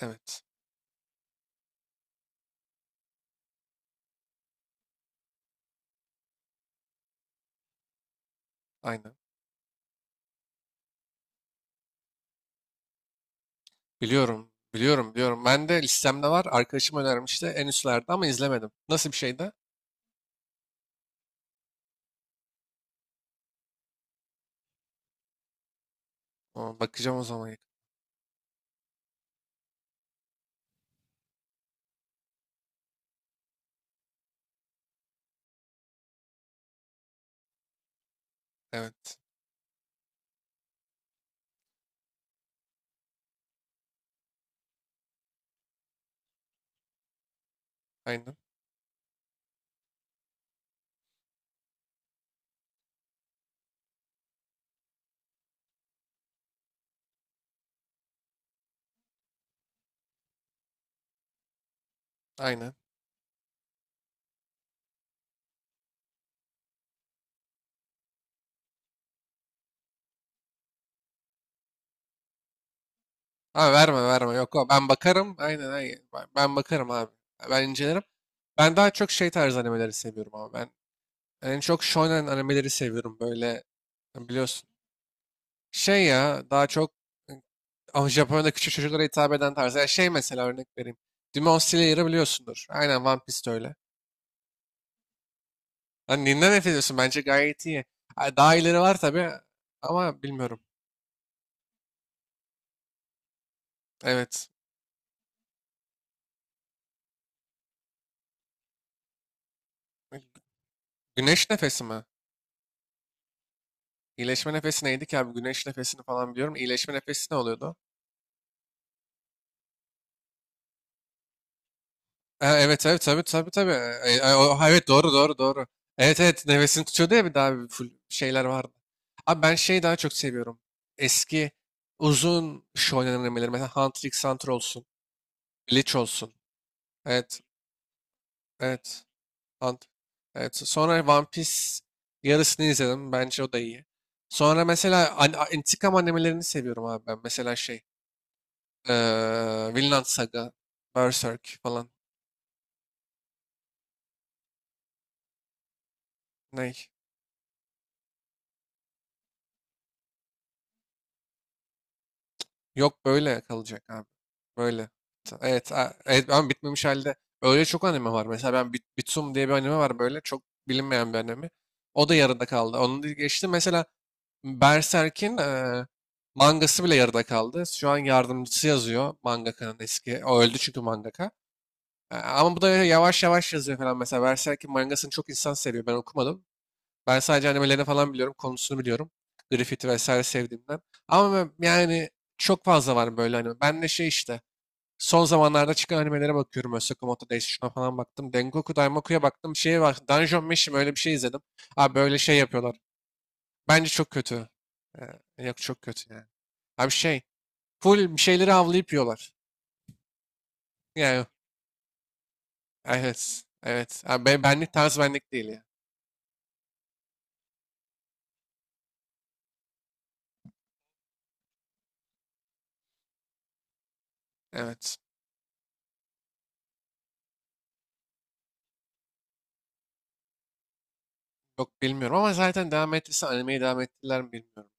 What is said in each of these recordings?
Evet. Aynen. Biliyorum. Biliyorum. Biliyorum. Ben de listemde var. Arkadaşım önermişti. En üstlerde ama izlemedim. Nasıl bir şeydi? Aa, bakacağım o zaman. Evet. Aynen. Aynen. Abi verme verme. Yok o. Ben bakarım. Aynen aynen. Ben bakarım abi. Ben incelerim. Ben daha çok şey tarzı animeleri seviyorum ama ben en çok shonen animeleri seviyorum böyle biliyorsun. Şey ya daha çok e, ama Japonya'da küçük çocuklara hitap eden tarzı. Yani şey mesela örnek vereyim. Demon Slayer'ı biliyorsundur. Aynen One Piece de öyle. Lan ninden nefret ediyorsun? Bence gayet iyi. Ha, daha iyileri var tabii ama bilmiyorum. Evet. Güneş nefesi mi? İyileşme nefesi neydi ki abi? Güneş nefesini falan biliyorum. İyileşme nefesi ne oluyordu? Ha, evet evet tabii tabii tabii. Ha, evet doğru doğru doğru. Evet evet nefesini tutuyordu ya bir daha bir full şeyler vardı. Abi ben şeyi daha çok seviyorum. Eski uzun iş oynanan mesela Hunter x Hunter olsun. Bleach olsun. Evet evet. Ant- Evet. Sonra One Piece yarısını izledim. Bence o da iyi. Sonra mesela intikam animelerini seviyorum abi ben. Mesela şey, Vinland Saga, Berserk falan. Ney? Yok böyle kalacak abi. Böyle. Evet, evet ama bitmemiş halde öyle çok anime var. Mesela ben Bitsum diye bir anime var böyle çok bilinmeyen bir anime. O da yarıda kaldı. Onu da geçtim. Mesela Berserk'in mangası bile yarıda kaldı. Şu an yardımcısı yazıyor mangakanın eski. O öldü çünkü mangaka. Ama bu da yavaş yavaş yazıyor falan. Mesela Berserk'in mangasını çok insan seviyor. Ben okumadım. Ben sadece animelerini falan biliyorum. Konusunu biliyorum. Griffith'i vesaire sevdiğimden. Ama yani çok fazla var böyle anime. Ben de şey işte. Son zamanlarda çıkan animelere bakıyorum. Osaka Moto Days şuna falan baktım. Dengoku Daimoku'ya baktım. Şeye bak. Dungeon Meshi öyle bir şey izledim. Abi böyle şey yapıyorlar. Bence çok kötü. Yok çok kötü yani. Abi şey, full bir şeyleri avlayıp yiyorlar. Yani evet, evet. Abi benlik tarz benlik değil ya. Evet. Yok bilmiyorum ama zaten devam ettiyse animeyi devam ettiler mi bilmiyorum.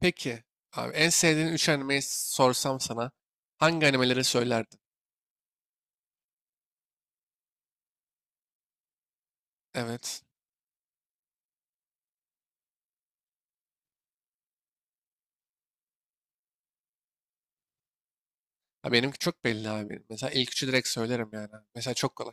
Peki, abi en sevdiğin 3 animeyi sorsam sana hangi animeleri söylerdin? Evet. Ha, benimki çok belli abi. Mesela ilk üçü direkt söylerim yani. Mesela çok kolay.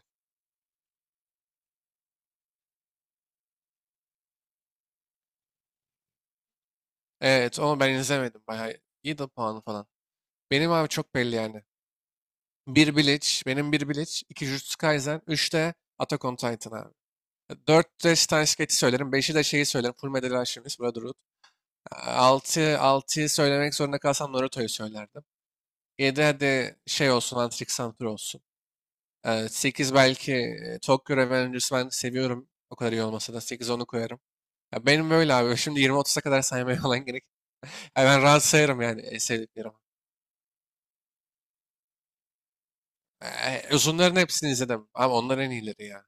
Evet, onu ben izlemedim. Bayağı iyi de puanı falan. Benim abi çok belli yani. Bir Bleach, benim bir Bleach, 2 Jujutsu Kaisen, 3 de Attack on Titan abi. 4 de Steins Gate'i söylerim. 5'i de şeyi söylerim. Fullmetal Alchemist, Brotherhood. Altı 6'yı söylemek zorunda kalsam Naruto'yu söylerdim. Yedi, hadi şey olsun, Hunter x Hunter olsun. Sekiz belki Tokyo Revengers'ı ben seviyorum. O kadar iyi olmasa da 8 onu koyarım. Ya benim böyle abi. Şimdi 20-30'a kadar saymaya falan gerek. Ya ben rahat sayarım yani sevdiklerim. Uzunların hepsini izledim. Ama onlar en iyileri ya.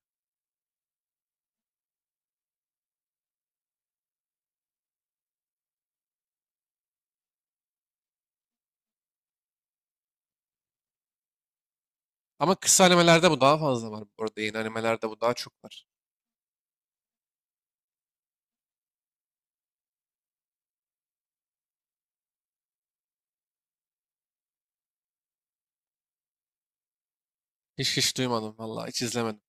Ama kısa animelerde bu daha fazla var. Bu arada yeni animelerde bu daha çok var. Hiç hiç duymadım vallahi hiç izlemedim.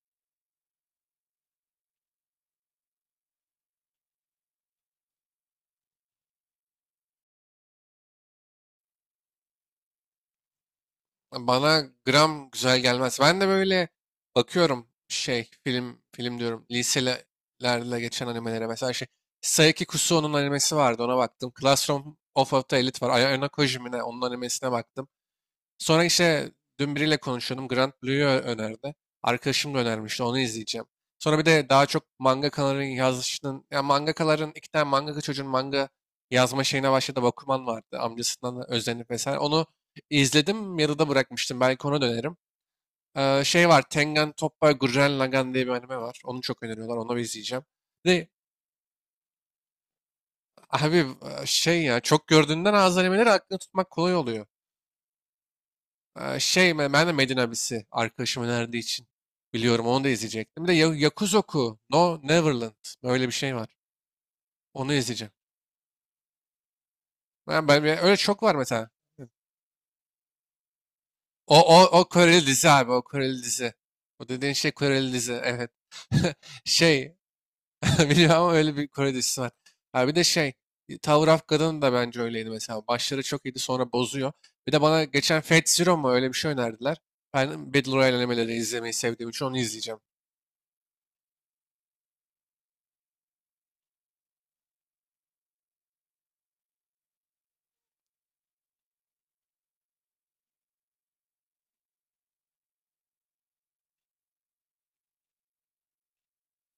Bana gram güzel gelmez. Ben de böyle bakıyorum şey film film diyorum liselerle geçen animelere. Mesela şey Saiki Kusuo'nun animesi vardı ona baktım. Classroom of a Elite var. Ayano Kojimine onun animesine baktım. Sonra işte dün biriyle konuşuyordum. Grand Blue'yu önerdi. Arkadaşım da önermişti. Onu izleyeceğim. Sonra bir de daha çok mangakaların yazışının, ya mangakaların iki tane mangaka çocuğun manga yazma şeyine başladı. Bakuman vardı. Amcasından da özenip vesaire. Onu izledim. Yarıda bırakmıştım. Belki ona dönerim. Şey var. Tengen Toppa Gurren Lagann diye bir anime var. Onu çok öneriyorlar. Onu bir izleyeceğim. Bir de, abi şey ya çok gördüğünden az animeleri aklını tutmak kolay oluyor. Şey ben de Medin abisi arkadaşım önerdiği için biliyorum onu da izleyecektim. Bir de Yakuzoku No Neverland böyle bir şey var. Onu izleyeceğim. Öyle çok var mesela. O Koreli dizi abi o Koreli dizi. O dediğin şey Koreli dizi evet. Şey biliyorum ama öyle bir Kore dizisi var. Ha, bir de şey Tower of God'un da bence öyleydi mesela. Başları çok iyiydi sonra bozuyor. Bir de bana geçen Fate Zero mu öyle bir şey önerdiler. Ben Battle Royale animeleri izlemeyi sevdiğim için onu izleyeceğim.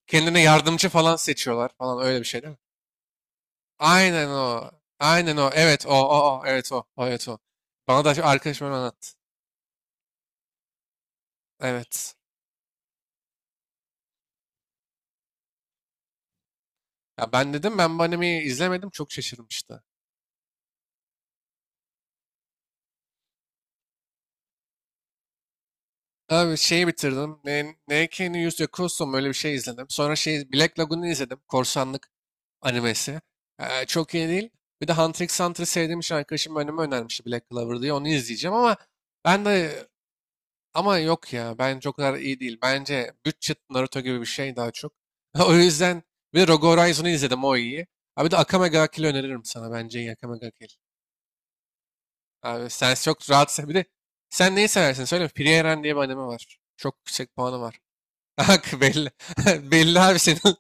Kendine yardımcı falan seçiyorlar falan öyle bir şey değil mi? Aynen o. Aynen o. Evet o o o. Evet o. O evet o. Bana da arkadaşım öyle anlattı. Evet. Ya ben dedim ben bu animeyi izlemedim çok şaşırmıştı. Abi şeyi bitirdim. Neiki no Yakuso mu öyle bir şey izledim. Sonra şey Black Lagoon'u izledim. Korsanlık animesi. Çok iyi değil. Bir de Hunter x Hunter'ı sevdiğim için arkadaşım önüme önermişti Black Clover diye. Onu izleyeceğim ben de ama yok ya bence o kadar iyi değil. Bence Budget Naruto gibi bir şey daha çok. O yüzden bir de Rogue Horizon'u izledim o iyi. Abi de Akame ga Kill'i öneririm sana bence iyi Akame ga Kill. Abi sen çok rahatsın. Bir de sen neyi seversin söyle. Frieren Eren diye bir anime var. Çok yüksek puanı var. Bak belli. belli abi senin.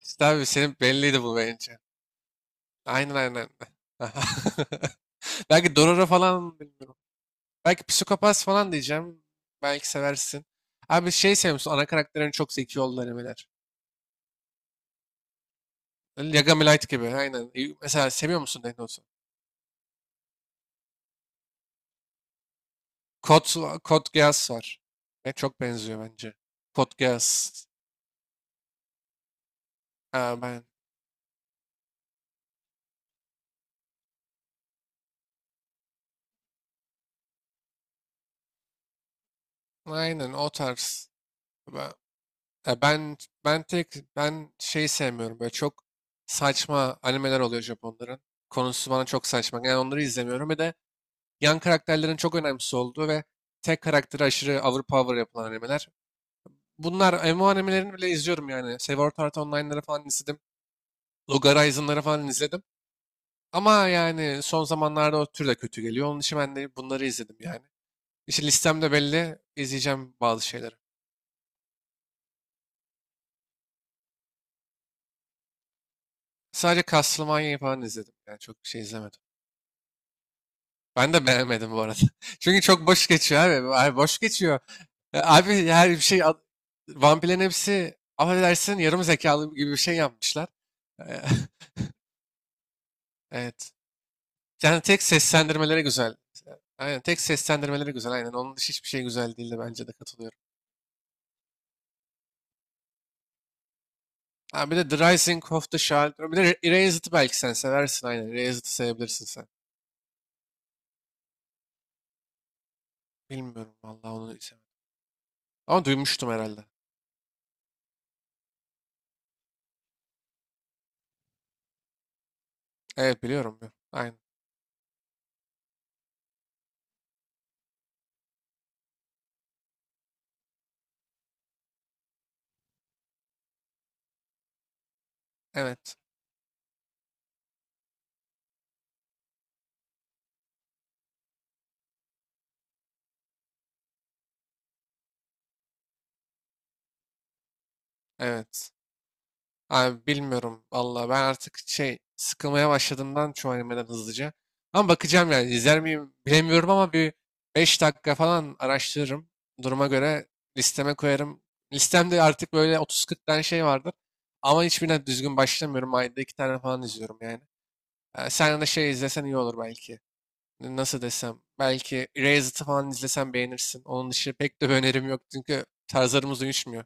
İşte abi senin belliydi bu bence. Aynen aynen. Belki Dororo falan bilmiyorum. Belki psikopat falan diyeceğim. Belki seversin. Abi şey seviyor musun? Ana karakterlerin çok zeki yol animeler. Yagami Light gibi. Aynen. Mesela seviyor musun Death Note'u? Code Geass var. Ve çok benziyor bence. Code Geass. Ha, ben. Aynen o tarz. Ben, ya ben, ben tek ben şey sevmiyorum. Böyle çok saçma animeler oluyor Japonların. Konusu bana çok saçma. Yani onları izlemiyorum. Bir de yan karakterlerin çok önemsiz olduğu ve tek karakteri aşırı overpower yapılan animeler. Bunlar MMORPG'lerini bile izliyorum yani. Sword Art Online'ları falan izledim. Log Horizon'ları falan izledim. Ama yani son zamanlarda o tür de kötü geliyor. Onun için ben de bunları izledim yani. İşte listemde belli izleyeceğim bazı şeyleri. Sadece Castlevania'yı falan izledim. Yani çok şey izlemedim. Ben de beğenmedim bu arada. Çünkü çok boş geçiyor abi. Abi boş geçiyor. Abi her bir şey vampirlerin hepsi affedersin yarım zekalı gibi bir şey yapmışlar. E, Evet. Yani tek seslendirmeleri güzel. Aynen tek seslendirmeleri güzel. Aynen onun dışı hiçbir şey güzel değildi bence de katılıyorum. Ha, bir de The Rising of the Shard. Bir de Erased'ı belki sen seversin aynen. Erased'ı sevebilirsin sen. Bilmiyorum vallahi onu sevemedim. Ama duymuştum herhalde. Evet biliyorum. Aynen. Evet. Evet. Abi bilmiyorum valla ben artık şey sıkılmaya başladığımdan çoğu animeden hızlıca. Ama bakacağım yani izler miyim bilemiyorum ama bir 5 dakika falan araştırırım. Duruma göre listeme koyarım. Listemde artık böyle 30-40 tane şey vardır. Ama hiçbirine düzgün başlamıyorum. Ayda iki tane falan izliyorum yani. Sen de şey izlesen iyi olur belki. Nasıl desem. Belki Erased falan izlesen beğenirsin. Onun dışı pek de bir önerim yok çünkü tarzlarımız uyuşmuyor.